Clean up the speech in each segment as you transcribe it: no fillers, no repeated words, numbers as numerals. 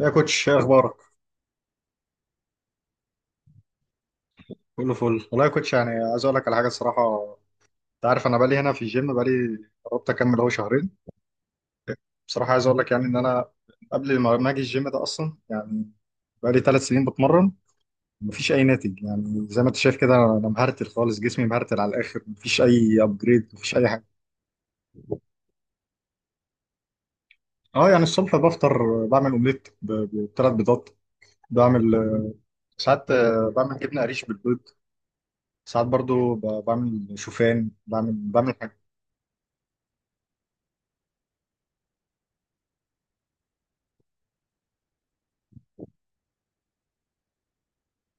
يا كوتش، ايه اخبارك؟ كله فل والله يا كوتش، يعني عايز اقول لك على حاجه الصراحه. انت عارف انا بقالي هنا في الجيم، بقالي قربت اكمل اهو شهرين. بصراحه عايز اقول لك يعني ان انا قبل ما اجي الجيم ده اصلا، يعني بقالي 3 سنين بتمرن. مفيش اي ناتج، يعني زي ما انت شايف كده انا مهرتل خالص، جسمي مهرتل على الاخر، مفيش اي ابجريد، مفيش اي حاجه. اه، يعني الصبح بفطر بعمل اومليت ب3 بيضات. بعمل ساعات بعمل جبنه قريش بالبيض. ساعات برضو بعمل شوفان بعمل بعمل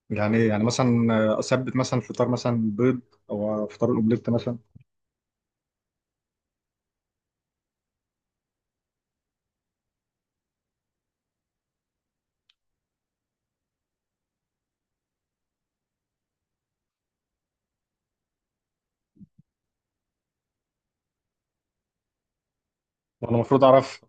يعني إيه؟ يعني مثلا اثبت مثلا فطار مثلا بيض، او فطار الاومليت مثلا. وانا المفروض اعرف؟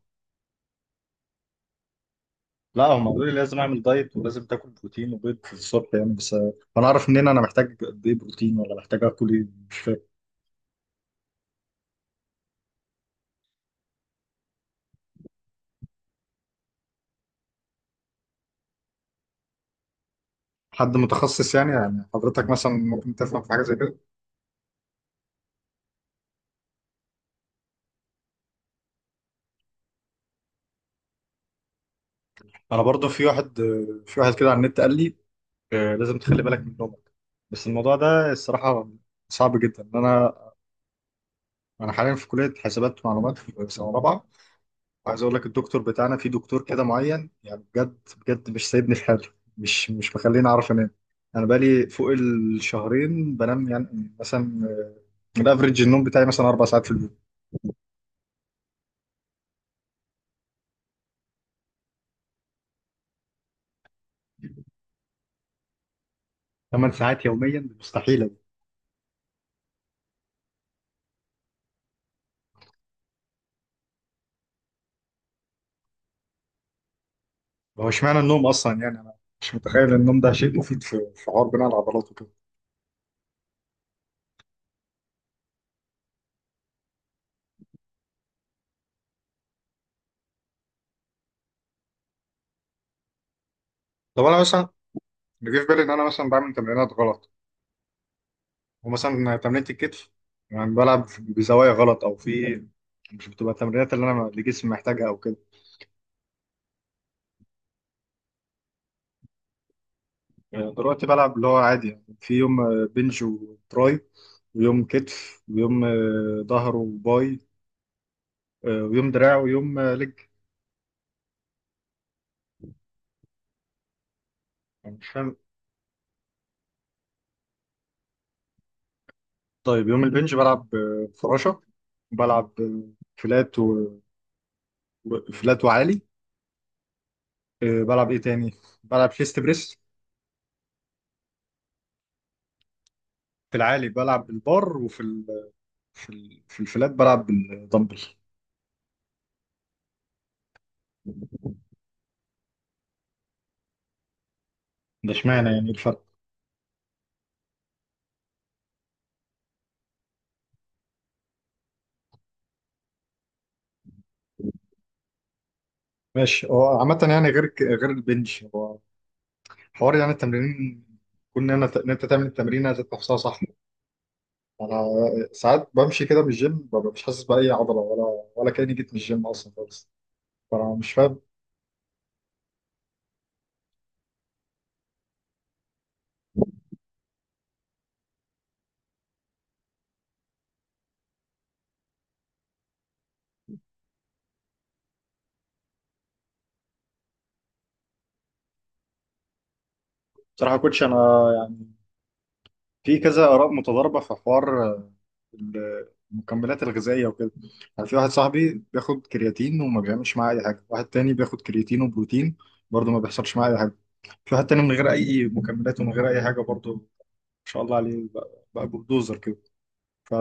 لا، هم قالوا لي لازم اعمل دايت ولازم تاكل بروتين وبيض في الصبح يعني، بس انا اعرف منين انا محتاج قد ايه بروتين، ولا محتاج اكل ايه؟ مش فاهم. حد متخصص، يعني حضرتك مثلا ممكن تفهم في حاجه زي كده؟ انا برضو في واحد كده على النت قال لي لازم تخلي بالك من نومك، بس الموضوع ده الصراحه صعب جدا انا. انا حاليا في كليه حسابات ومعلومات في سنه رابعه. عايز اقول لك الدكتور بتاعنا، في دكتور كده معين يعني بجد بجد مش سايبني في حالي، مش مخليني اعرف انام. انا بقالي فوق الشهرين بنام يعني مثلا الافريج النوم بتاعي مثلا 4 ساعات في اليوم. 8 ساعات يوميا دي مستحيله. هو اشمعنى النوم اصلا؟ يعني انا مش متخيل ان النوم ده شيء مفيد في حوار بناء العضلات وكده. طب انا مثلا، اللي جه في بالي ان انا مثلا بعمل تمرينات غلط. ومثلا تمرينه الكتف يعني بلعب بزوايا غلط، او في، مش بتبقى التمرينات اللي جسمي محتاجها او كده. يعني دلوقتي بلعب اللي هو عادي، يعني في يوم بنج وتراي، ويوم كتف، ويوم ظهر وباي، ويوم دراع، ويوم لج. يعني مش فاهم. طيب يوم البنج بلعب فراشة. بلعب فلات وفلات وعالي. بلعب ايه تاني؟ بلعب شيست بريس. في العالي بلعب بالبار، وفي في الفلات بلعب بالدمبل. ده اشمعنى يعني الفرق؟ ماشي. هو عامة يعني غير غير البنج، حوار يعني التمرين، كون ان إن انت تعمل التمرين ذات نفسها صح. انا ساعات بمشي كده بالجيم ببقى مش حاسس باي عضله، ولا كاني جيت من الجيم اصلا خالص. فانا مش فاهم. بصراحه يا كوتش انا، يعني في كذا اراء متضاربه في حوار المكملات الغذائيه وكده. يعني في واحد صاحبي بياخد كرياتين وما بيعملش معاه اي حاجه، واحد تاني بياخد كرياتين وبروتين برضه ما بيحصلش معاه اي حاجه. في واحد تاني من غير اي مكملات ومن غير اي حاجه برضه ما شاء الله عليه، بقى بلدوزر كده. ف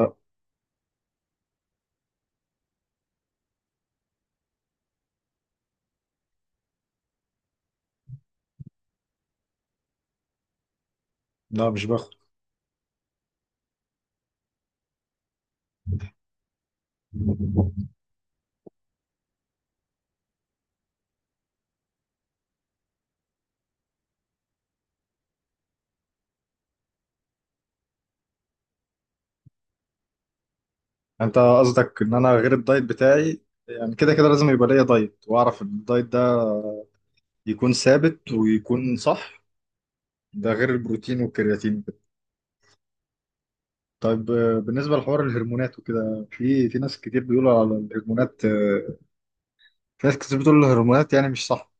لا، مش باخد. انت قصدك ان انا غير الدايت بتاعي يعني كده كده لازم يبقى ليا دايت، واعرف ان الدايت ده يكون ثابت ويكون صح. ده غير البروتين والكرياتين وكده. طيب بالنسبه لحوار الهرمونات وكده، في ناس كتير بيقولوا على الهرمونات، في ناس كتير بتقول الهرمونات يعني مش صح.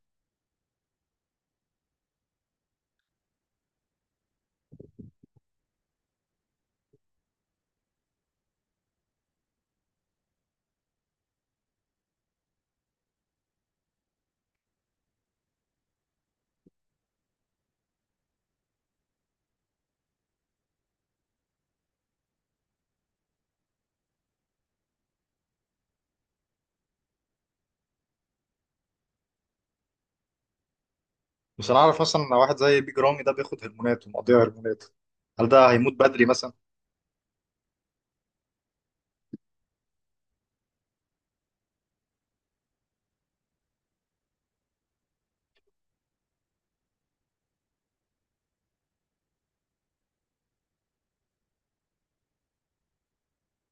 بس انا اعرف اصلا ان واحد زي بيج رامي ده بياخد هرمونات ومقضيها هرمونات. هل ده هيموت بدري مثلا؟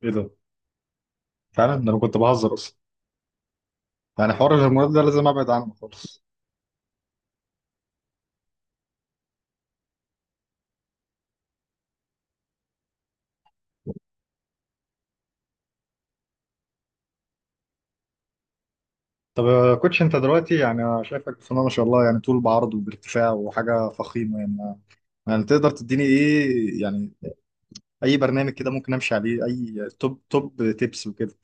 ايه ده؟ فعلا، ده انا كنت بهزر اصلا. يعني حوار الهرمونات ده لازم ابعد عنه خالص. طب يا كوتش، انت دلوقتي يعني انا شايفك بسم ما شاء الله، يعني طول بعرض وبارتفاع وحاجه فخيمه يعني. يعني تقدر تديني ايه يعني؟ اي برنامج كده ممكن امشي عليه، اي توب تيبس وكده.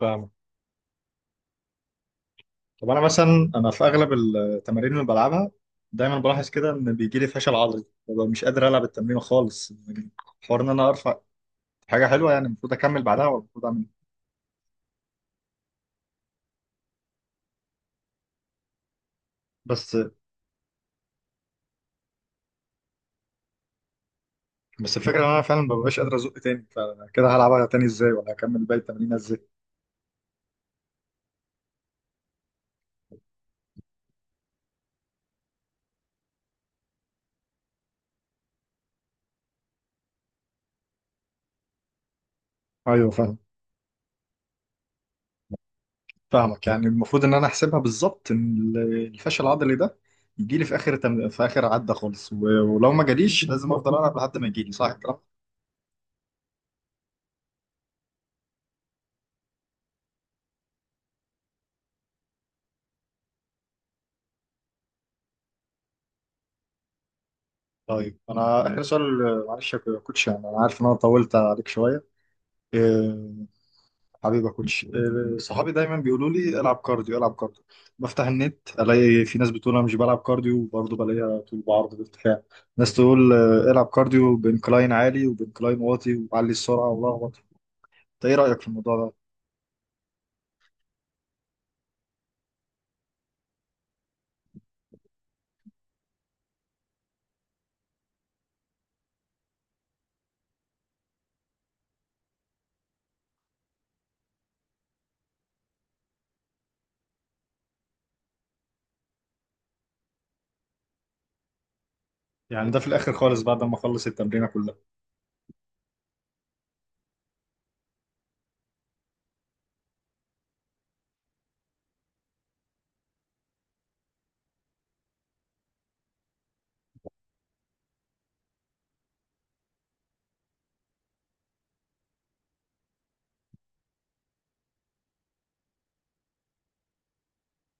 فاهم. طب انا مثلا، انا في اغلب التمارين اللي بلعبها دايما بلاحظ كده ان بيجي لي فشل عضلي، ببقى مش قادر العب التمرين خالص يعني. حوار ان انا ارفع، حاجه حلوه، يعني المفروض اكمل بعدها ولا المفروض اعمل ايه؟ بس بس الفكره ان انا فعلا ما ببقاش قادر ازق تاني. فكده هلعبها تاني ازاي، ولا هكمل باقي التمرين ازاي؟ ايوه، فاهم. فاهمك، يعني المفروض ان انا احسبها بالظبط ان الفشل العضلي ده يجي لي في في اخر عده خالص ولو ما جاليش لازم افضل العب لحد ما يجي لي صح الكلام. طيب انا اخر سؤال معلش يا كوتش، يعني انا عارف ان انا طولت عليك شويه. آه، حبيبي يا كوتش، صحابي دايما بيقولوا لي العب كارديو العب كارديو. بفتح النت الاقي في ناس بتقول انا مش بلعب كارديو، وبرضه بلاقيها طول بعرض بارتفاع. ناس تقول العب كارديو بانكلاين عالي وبانكلاين واطي وعلي السرعه والله أكبر. انت ايه رايك في الموضوع ده؟ يعني ده في الاخر خالص بعد ما اخلص التمرينه كلها؟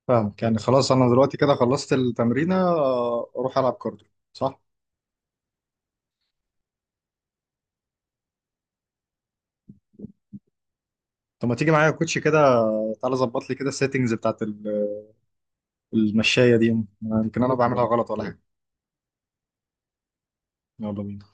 فاهمك، يعني خلاص انا دلوقتي كده خلصت التمرينه، اروح العب كارديو صح؟ طب ما تيجي معايا يا كوتش كده، تعالى ظبط لي كده السيتنجز بتاعت المشايه دي، يمكن انا يلا بعملها غلط ولا حاجه. يلا بينا.